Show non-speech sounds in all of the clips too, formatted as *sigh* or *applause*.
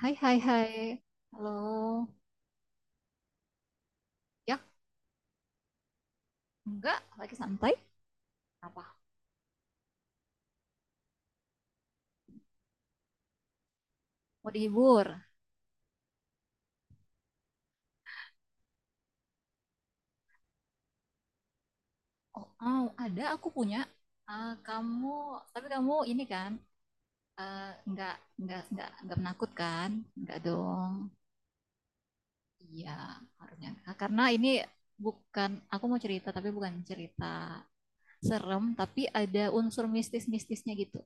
Hai, hai, hai. Halo. Ya, enggak. Lagi santai. Apa? Mau dihibur? Oh, oh, ada aku punya. Ah, kamu, tapi kamu ini kan, eh, enggak, enggak menakutkan. Enggak dong. Iya, harusnya enggak. Karena ini bukan, aku mau cerita, tapi bukan cerita serem, tapi ada unsur mistis-mistisnya gitu.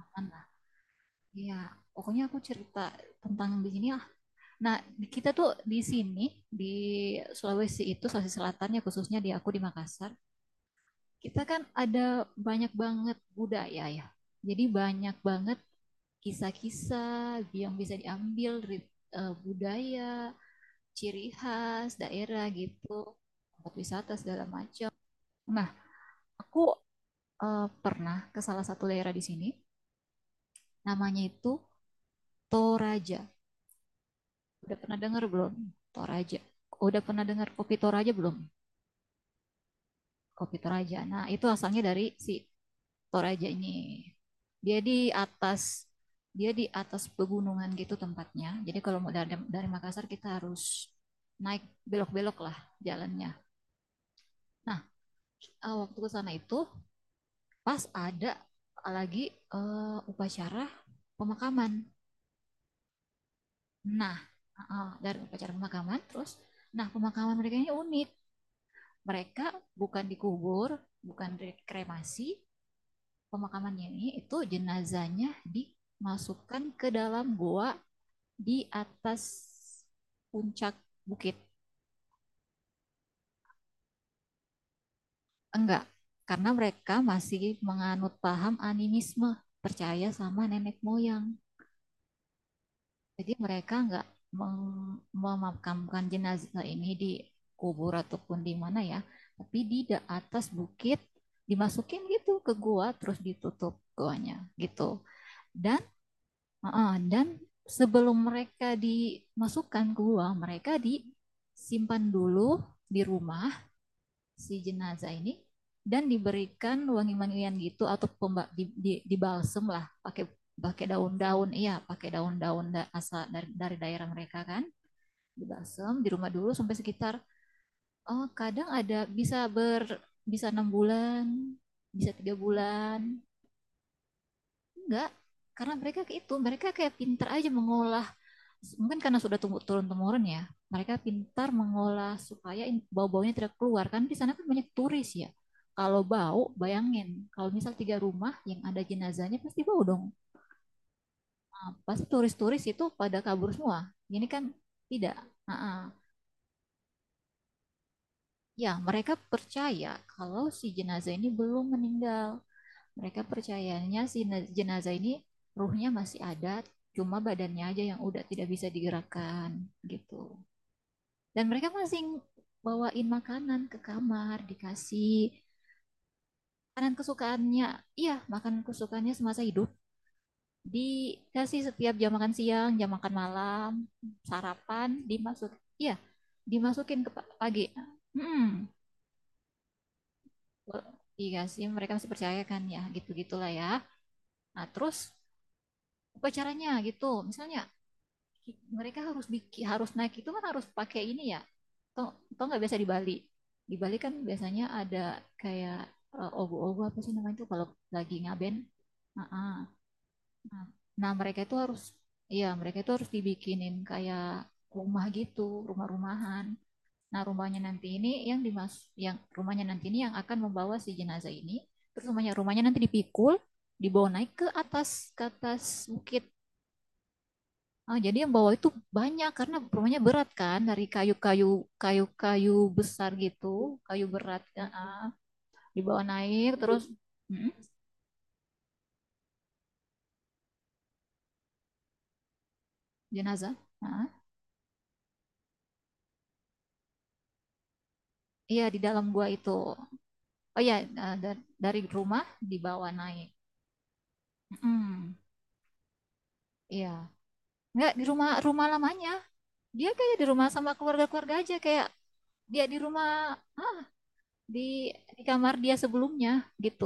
Aman lah. Iya, pokoknya aku cerita tentang di sini. Nah, kita tuh di sini, di Sulawesi itu, Sulawesi Selatan ya, khususnya di aku di Makassar, kita kan ada banyak banget budaya ya. Jadi banyak banget kisah-kisah yang bisa diambil dari budaya, ciri khas daerah gitu, tempat wisata segala macam. Nah, aku pernah ke salah satu daerah di sini, namanya itu Toraja. Udah pernah dengar belum Toraja? Udah pernah dengar kopi Toraja belum? Kopi Toraja. Nah, itu asalnya dari si Toraja ini. Dia di atas Dia di atas pegunungan gitu tempatnya. Jadi kalau mau dari Makassar kita harus naik, belok-belok lah jalannya. Nah, waktu ke sana itu pas ada lagi upacara pemakaman. Nah, dari upacara pemakaman terus nah, pemakaman mereka ini unik. Mereka bukan dikubur, bukan dikremasi, pemakamannya ini itu jenazahnya dimasukkan ke dalam goa di atas puncak bukit. Enggak, karena mereka masih menganut paham animisme, percaya sama nenek moyang. Jadi mereka enggak memakamkan jenazah ini di kubur ataupun di mana ya, tapi di atas bukit dimasukin gitu ke gua terus ditutup goanya gitu. Dan heeh, dan sebelum mereka dimasukkan ke gua, mereka disimpan dulu di rumah si jenazah ini dan diberikan wangi-wangian gitu atau dibalsem lah, pakai pakai daun-daun iya pakai daun-daun asal dari daerah mereka kan, dibalsem di rumah dulu sampai sekitar, oh kadang ada bisa bisa 6 bulan, bisa 3 bulan. Enggak, karena mereka itu, mereka kayak pinter aja mengolah, mungkin karena sudah tumbuh turun temurun ya, mereka pintar mengolah supaya bau-baunya tidak keluar. Kan di sana kan banyak turis ya, kalau bau bayangin, kalau misal tiga rumah yang ada jenazahnya pasti bau dong. Ah, pasti turis-turis itu pada kabur semua, ini kan tidak. Ah, ah. Ya, mereka percaya kalau si jenazah ini belum meninggal, mereka percayanya si jenazah ini ruhnya masih ada, cuma badannya aja yang udah tidak bisa digerakkan gitu. Dan mereka masing bawain makanan ke kamar, dikasih makanan kesukaannya. Iya, makanan kesukaannya semasa hidup. Dikasih setiap jam makan siang, jam makan malam, sarapan, dimasuk. Iya, dimasukin ke pagi. Hmm, dikasih, mereka masih percaya kan ya, gitu-gitulah ya. Nah, terus upacaranya gitu. Misalnya mereka harus bikin, harus naik itu kan harus pakai ini ya toh, toh nggak biasa di Bali. Di Bali kan biasanya ada kayak ogo-ogo apa sih namanya itu kalau lagi ngaben. Ah, ah. Nah, nah mereka itu harus, ya mereka itu harus dibikinin kayak rumah gitu, rumah-rumahan. Nah, rumahnya nanti ini yang yang rumahnya nanti ini yang akan membawa si jenazah ini. Terus rumahnya rumahnya nanti dipikul, dibawa naik ke atas, ke atas bukit. Ah, jadi yang bawa itu banyak karena rumahnya berat kan, dari kayu-kayu besar gitu, kayu berat. Ah, ah. Dibawa naik terus. Mm, jenazah. Ah, iya di dalam gua itu. Oh iya, ah, dari rumah dibawa naik. Mm. Iya, nggak di rumah rumah lamanya, dia kayak di rumah sama keluarga-keluarga aja, kayak dia di rumah, ah, di di kamar dia sebelumnya gitu.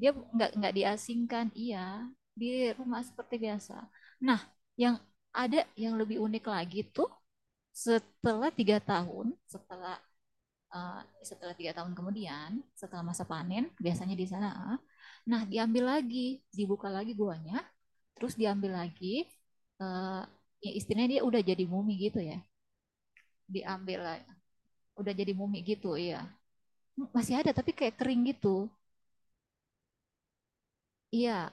Dia nggak diasingkan, iya, di rumah seperti biasa. Nah, yang ada yang lebih unik lagi tuh setelah 3 tahun, setelah uh, setelah 3 tahun kemudian, setelah masa panen, biasanya di sana, eh, nah diambil lagi, dibuka lagi guanya, terus diambil lagi, uh, ya istilahnya dia udah jadi mumi gitu ya, diambil, udah jadi mumi gitu, iya, masih ada tapi kayak kering gitu. Iya,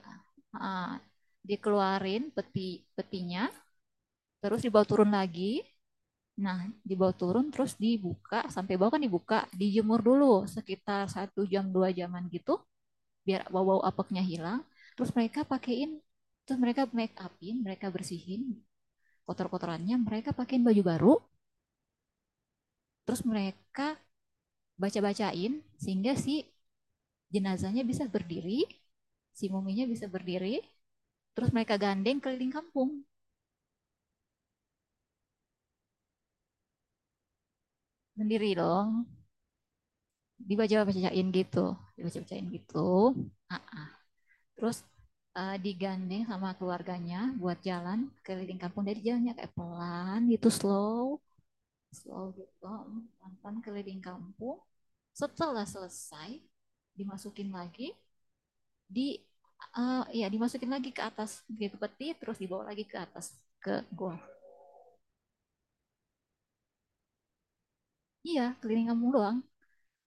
ah, dikeluarin peti, petinya, terus dibawa turun lagi. Nah, dibawa turun terus dibuka, sampai bawah kan dibuka, dijemur dulu sekitar satu jam, dua jaman gitu, biar bau-bau apeknya hilang. Terus mereka pakein, terus mereka make upin, mereka bersihin kotor-kotorannya, mereka pakein baju baru, terus mereka baca-bacain sehingga si jenazahnya bisa berdiri, si muminya bisa berdiri, terus mereka gandeng keliling kampung. Sendiri dong. Dibaca-bacain gitu, dibaca-bacain gitu. Nah, terus digandeng sama keluarganya buat jalan keliling kampung. Jadi jalannya kayak pelan gitu, slow, slow gitu, pelan-pelan keliling kampung. Setelah selesai, dimasukin lagi di ya dimasukin lagi ke atas gitu peti, terus dibawa lagi ke atas ke gua. Iya, keliling kampung doang.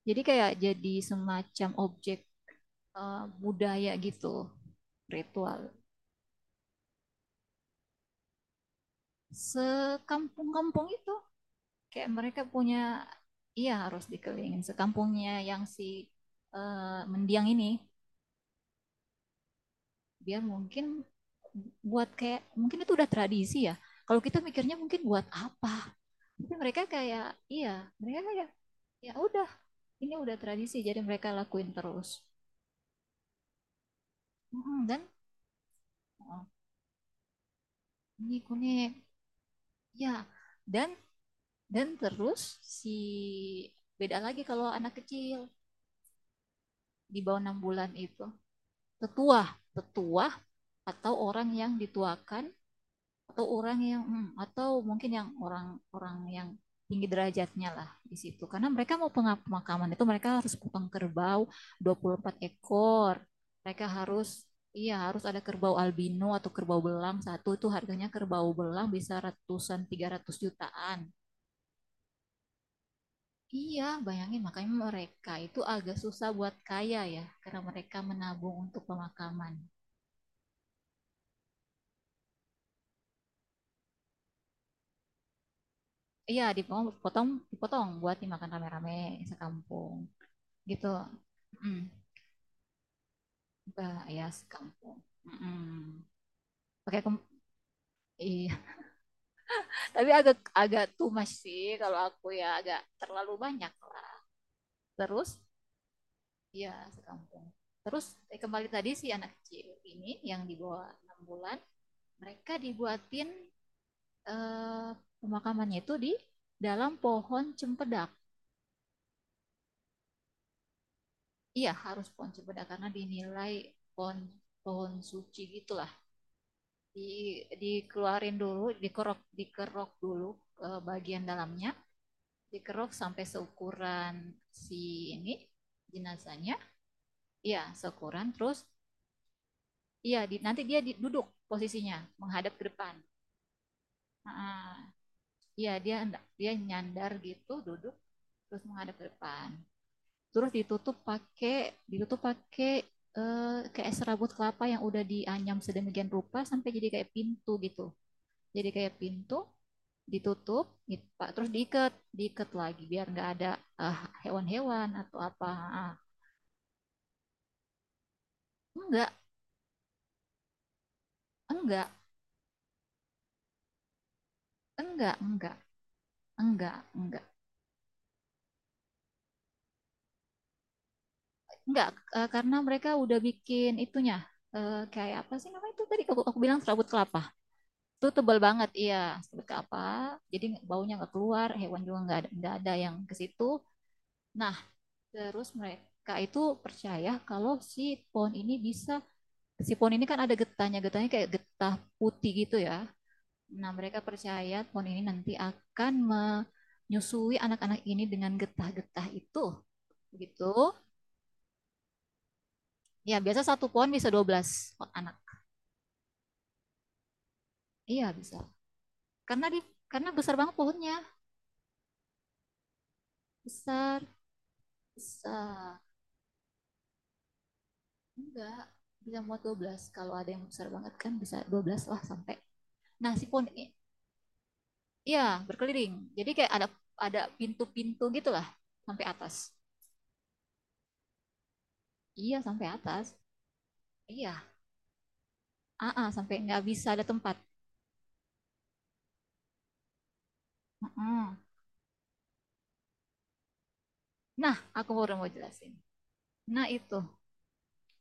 Jadi kayak jadi semacam objek budaya gitu, ritual. Sekampung-kampung itu kayak mereka punya, iya harus dikelilingin sekampungnya yang si eh, mendiang ini, biar mungkin buat kayak, mungkin itu udah tradisi ya, kalau kita mikirnya mungkin buat apa, tapi mereka kayak iya, mereka kayak ya udah, ini udah tradisi jadi mereka lakuin terus. Mhm, dan oh, ini kuning ya, dan terus si beda lagi kalau anak kecil di bawah 6 bulan itu. Tetua, tetua atau orang yang dituakan atau orang yang hmm, atau mungkin yang orang-orang yang tinggi derajatnya lah di situ. Karena mereka mau pemakaman itu, mereka harus kupang kerbau 24 ekor. Mereka harus, iya harus ada kerbau albino atau kerbau belang, satu itu harganya kerbau belang bisa ratusan, 300 jutaan. Iya, bayangin, makanya mereka itu agak susah buat kaya ya, karena mereka menabung untuk pemakaman. Iya, dipotong, potong, dipotong buat dimakan rame-rame sekampung gitu. Mm. Enggak, ya sekampung. Mm-mm. Pakai kem- iya. *laughs* Tapi agak agak too much sih kalau aku ya, agak terlalu banyak lah. Terus iya, sekampung. Terus kembali tadi si anak kecil ini yang di bawah 6 bulan, mereka dibuatin eh, pemakamannya itu di dalam pohon cempedak. Iya, harus pohon cempedak karena dinilai pohon pohon suci gitu, di dikeluarin dulu, dikerok dikerok dulu bagian dalamnya, dikerok sampai seukuran si ini jenazahnya. Ya seukuran, terus iya di, nanti dia duduk, posisinya menghadap ke depan. Ah, iya, dia, dia nyandar gitu duduk terus menghadap ke depan. Terus ditutup pakai, ditutup pakai kayak serabut kelapa yang udah dianyam sedemikian rupa sampai jadi kayak pintu gitu, jadi kayak pintu ditutup gitu, Pak. Terus diikat, diikat lagi biar nggak ada eh, hewan-hewan atau apa. Ah, enggak, enggak, enggak, enggak, enggak, enggak. Eh, karena mereka udah bikin itunya kayak apa sih namanya itu tadi aku bilang serabut kelapa. Itu tebal banget, iya, serabut kelapa. Jadi baunya nggak keluar, hewan juga nggak ada yang ke situ. Nah, terus mereka itu percaya kalau si pohon ini bisa, si pohon ini kan ada getahnya, getahnya kayak getah putih gitu ya. Nah, mereka percaya pohon ini nanti akan menyusui anak-anak ini dengan getah-getah itu. Begitu. Ya, biasa satu pohon bisa 12 anak. Iya, bisa. Karena di, karena besar banget pohonnya. Besar, besar. Enggak, bisa muat 12. Kalau ada yang besar banget kan bisa 12 lah sampai. Nah, si pohon ini iya, berkeliling. Jadi kayak ada pintu-pintu gitulah sampai atas. Iya, sampai atas. Iya, aa, sampai nggak bisa ada tempat. Mm-mm. Nah, aku baru mau jelasin. Nah, itu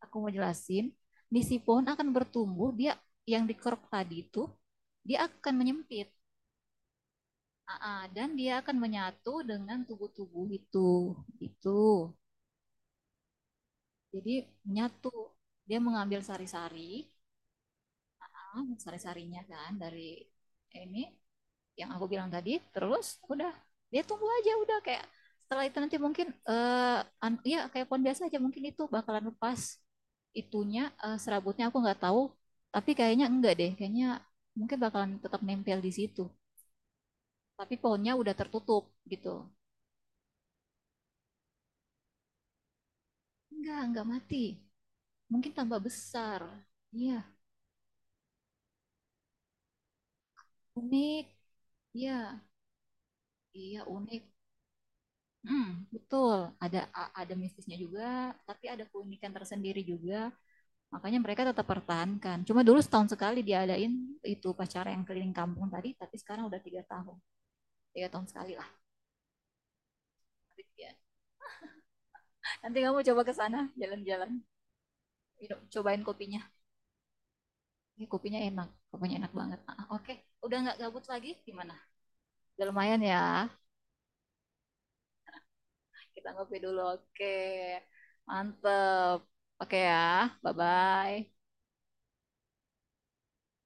aku mau jelasin. Di, si pohon akan bertumbuh, dia yang dikeruk tadi itu, dia akan menyempit. Aa, dan dia akan menyatu dengan tubuh-tubuh itu. Itu. Jadi menyatu. Dia mengambil sari-sari, ah, sari-sarinya kan dari ini yang aku bilang tadi, terus udah, dia tunggu aja udah kayak, setelah itu nanti mungkin eh, ya kayak pohon biasa aja, mungkin itu bakalan lepas itunya serabutnya aku nggak tahu, tapi kayaknya enggak deh, kayaknya mungkin bakalan tetap nempel di situ, tapi pohonnya udah tertutup gitu. Enggak mati, mungkin tambah besar. Iya, unik. Iya, iya unik. Hmm, betul. Ada ada mistisnya juga, tapi ada keunikan tersendiri juga. Makanya mereka tetap pertahankan. Cuma dulu setahun sekali diadain itu pacara yang keliling kampung tadi, tapi sekarang udah 3 tahun. Tiga tahun sekali lah. Nanti kamu coba ke sana, jalan-jalan. Cobain kopinya. Ini kopinya enak. Kopinya enak banget. Ah, oke, okay. Udah nggak gabut lagi? Gimana? Udah lumayan ya. Kita ngopi dulu. Oke, okay. Mantep. Oke okay ya, bye-bye.